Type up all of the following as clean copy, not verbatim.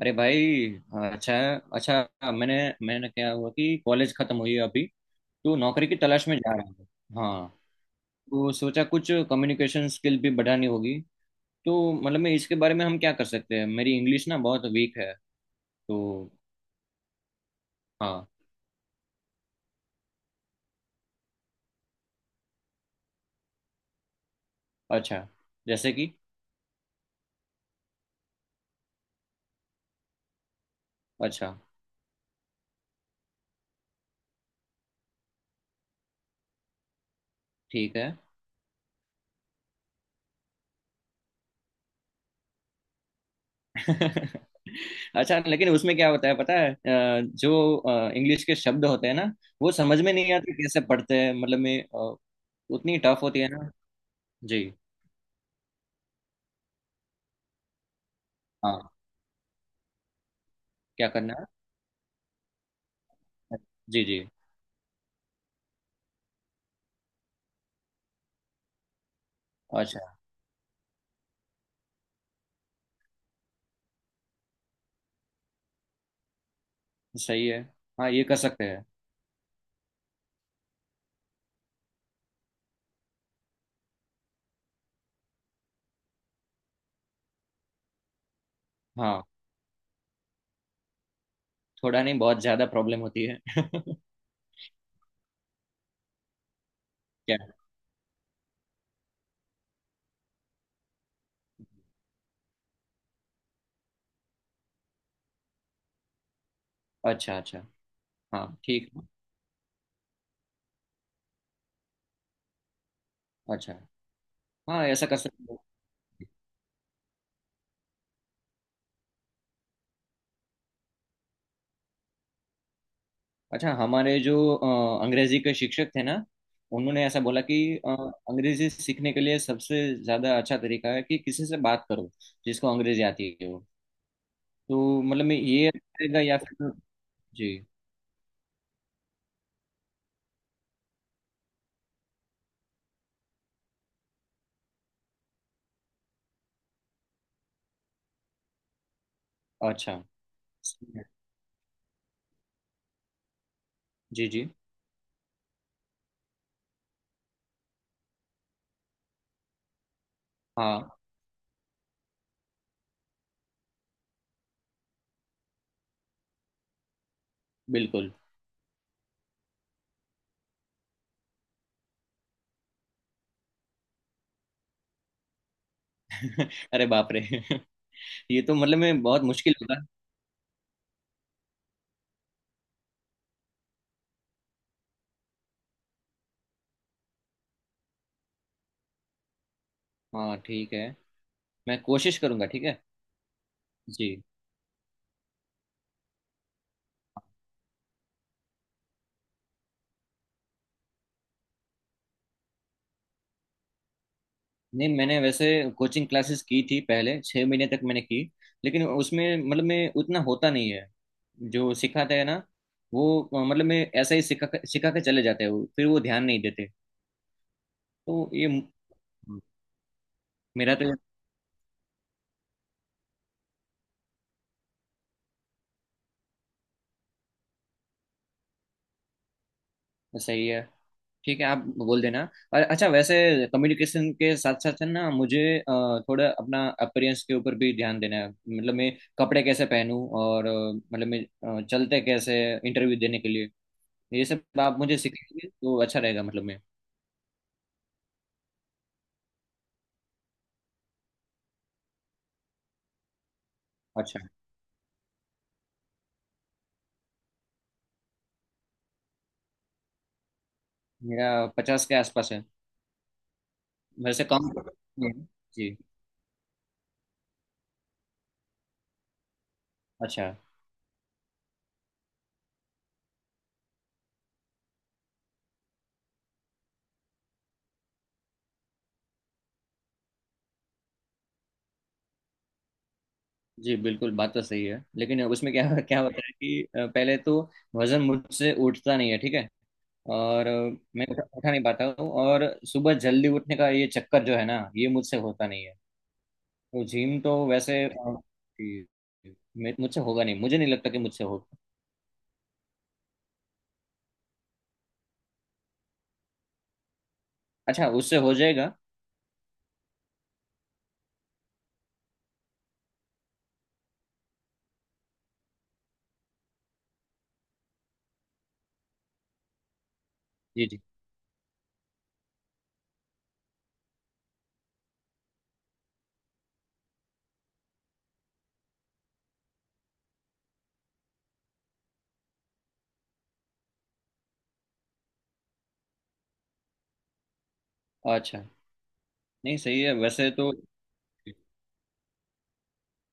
अरे भाई। हाँ, अच्छा है। अच्छा। मैंने मैंने क्या हुआ कि कॉलेज खत्म हुई है अभी। तो नौकरी की तलाश में जा रहा हूँ। हाँ। तो सोचा कुछ कम्युनिकेशन स्किल भी बढ़ानी होगी। तो मतलब मैं इसके बारे में हम क्या कर सकते हैं। मेरी इंग्लिश ना बहुत वीक है। तो। हाँ। अच्छा। जैसे कि। अच्छा। ठीक है। अच्छा, लेकिन उसमें क्या होता है पता है, जो इंग्लिश के शब्द होते हैं ना। वो समझ में नहीं आते कैसे पढ़ते हैं, मतलब मैं। अ, उतनी टफ होती है ना। जी। हाँ। क्या करना है? जी जी। अच्छा। सही है। हाँ, ये कर सकते हैं। हाँ। थोड़ा नहीं, बहुत ज़्यादा प्रॉब्लम होती है। क्या? अच्छा अच्छा। हाँ ठीक है। अच्छा। हाँ, ऐसा कर सकते हैं। अच्छा, हमारे जो अंग्रेजी के शिक्षक थे ना, उन्होंने ऐसा बोला कि अ, अंग्रेजी सीखने के लिए सबसे ज़्यादा अच्छा तरीका है कि किसी से बात करो जिसको अंग्रेजी आती है। वो तो मतलब मैं ये रहेगा या फिर। जी। अच्छा। सही है। जी जी। हाँ बिल्कुल। अरे बाप रे। ये तो मतलब मैं बहुत मुश्किल होगा। हाँ ठीक है। मैं कोशिश करूंगा, ठीक है। जी। नहीं, मैंने वैसे कोचिंग क्लासेस की थी, पहले छः महीने तक मैंने की। लेकिन उसमें मतलब मैं उतना होता नहीं है। जो सिखाते हैं ना, वो मतलब मैं ऐसा ही सिखा सिखा के चले जाते हैं वो, फिर वो ध्यान नहीं देते। तो ये म- मेरा तो ये। सही है। ठीक है, आप बोल देना। और अच्छा, वैसे कम्युनिकेशन के साथ साथ है ना, मुझे थोड़ा अपना अपीयरेंस के ऊपर भी ध्यान देना है, मतलब मैं कपड़े कैसे पहनूं और मतलब मैं चलते कैसे इंटरव्यू देने के लिए, ये सब आप मुझे सिखाएंगे तो अच्छा रहेगा, मतलब मैं। अच्छा। मेरा पचास के आसपास है। वैसे कम। हम्म। जी। अच्छा। जी बिल्कुल, बात तो सही है। लेकिन उसमें क्या क्या होता है कि पहले तो वजन मुझसे उठता नहीं है, ठीक है। और मैं उठा नहीं पाता हूँ, और सुबह जल्दी उठने का ये चक्कर जो है ना ये मुझसे होता नहीं है। तो जिम तो वैसे मुझसे होगा नहीं, मुझे नहीं लगता कि मुझसे होगा। अच्छा उससे हो जाएगा। जी जी। अच्छा। नहीं सही है वैसे तो,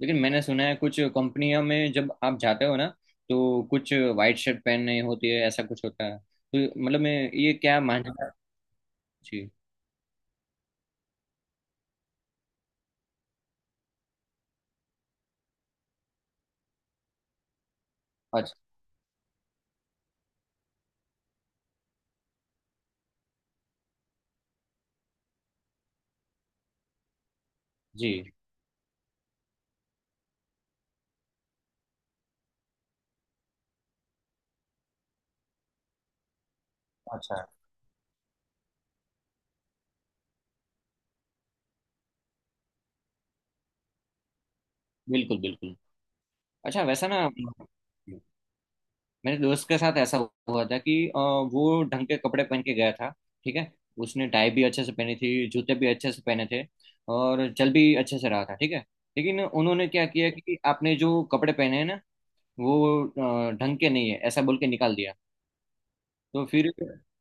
लेकिन मैंने सुना है कुछ कंपनियों में जब आप जाते हो ना तो कुछ वाइट शर्ट पहननी होती है, ऐसा कुछ होता है, तो मतलब मैं ये क्या मान। जी। अच्छा। जी। अच्छा। बिल्कुल बिल्कुल। अच्छा वैसा ना मेरे दोस्त के साथ ऐसा हुआ था कि वो ढंग के कपड़े पहन के गया था, ठीक है। उसने टाई भी अच्छे से पहनी थी, जूते भी अच्छे से पहने थे, और चल भी अच्छे से रहा था, ठीक है। लेकिन उन्होंने क्या किया कि आपने जो कपड़े पहने हैं ना वो ढंग के नहीं है, ऐसा बोल के निकाल दिया। तो फिर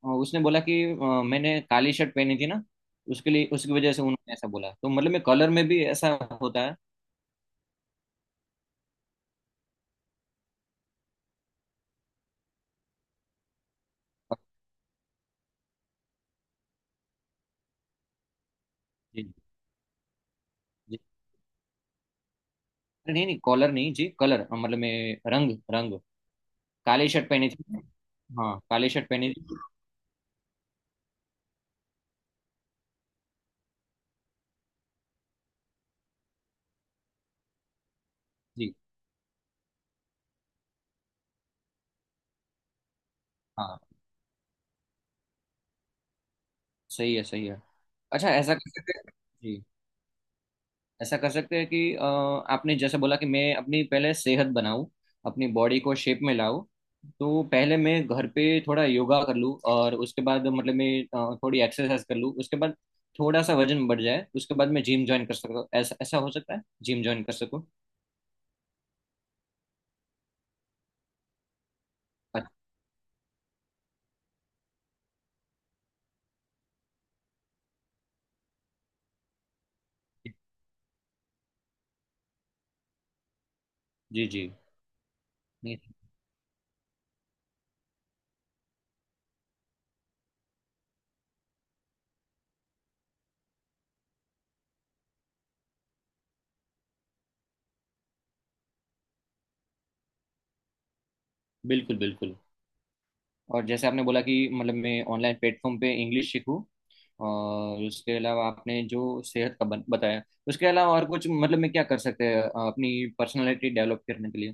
उसने बोला कि मैंने काली शर्ट पहनी थी ना, उसके लिए उसकी वजह से उन्होंने ऐसा बोला, तो मतलब मैं कलर में भी ऐसा होता है। जी जी। नहीं नहीं कॉलर नहीं, जी, कलर, मतलब मैं रंग रंग। काली शर्ट पहनी थी। हाँ काली शर्ट पहनी थी। जी। हाँ सही है सही है। अच्छा ऐसा कर सकते हैं। जी। ऐसा कर सकते हैं कि आपने जैसे बोला कि मैं अपनी पहले सेहत बनाऊं, अपनी बॉडी को शेप में लाऊं, तो पहले मैं घर पे थोड़ा योगा कर लूं, और उसके बाद मतलब मैं थोड़ी एक्सरसाइज कर लूं, उसके बाद थोड़ा सा वजन बढ़ जाए, उसके बाद मैं जिम ज्वाइन कर सकता हूं, ऐसा ऐसा हो सकता है जिम ज्वाइन कर सकूं। अच्छा। जी जी। नहीं, बिल्कुल बिल्कुल। और जैसे आपने बोला कि मतलब मैं ऑनलाइन प्लेटफॉर्म पे इंग्लिश सीखूं, और उसके अलावा आपने जो सेहत का बताया, उसके अलावा और कुछ मतलब मैं क्या कर सकते हैं अपनी पर्सनालिटी डेवलप करने के लिए?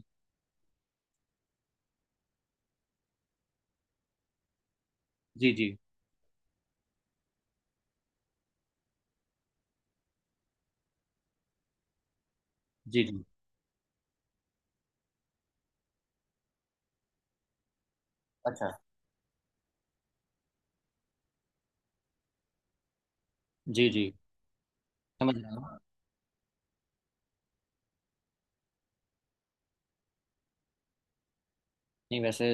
जी जी। जी जी। अच्छा। जी जी। समझ रहा हूँ। नहीं वैसे।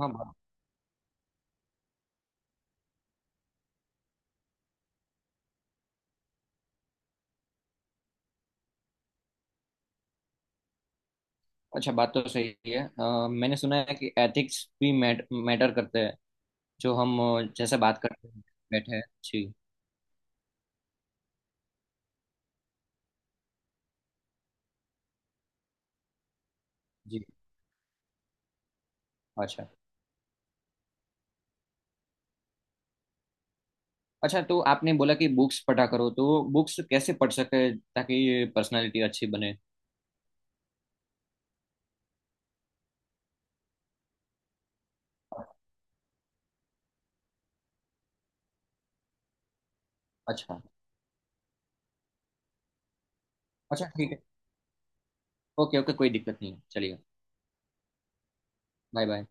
हाँ बात। अच्छा, बात तो सही है। मैंने सुना है कि एथिक्स भी मैटर करते हैं। जो हम जैसे बात करते हैं बैठे हैं। जी। जी। अच्छा। अच्छा तो आपने बोला कि बुक्स पढ़ा करो, तो बुक्स कैसे पढ़ सके ताकि पर्सनालिटी अच्छी बने? अच्छा। अच्छा ठीक है। ओके ओके कोई दिक्कत नहीं है, चलिए। Bye bye.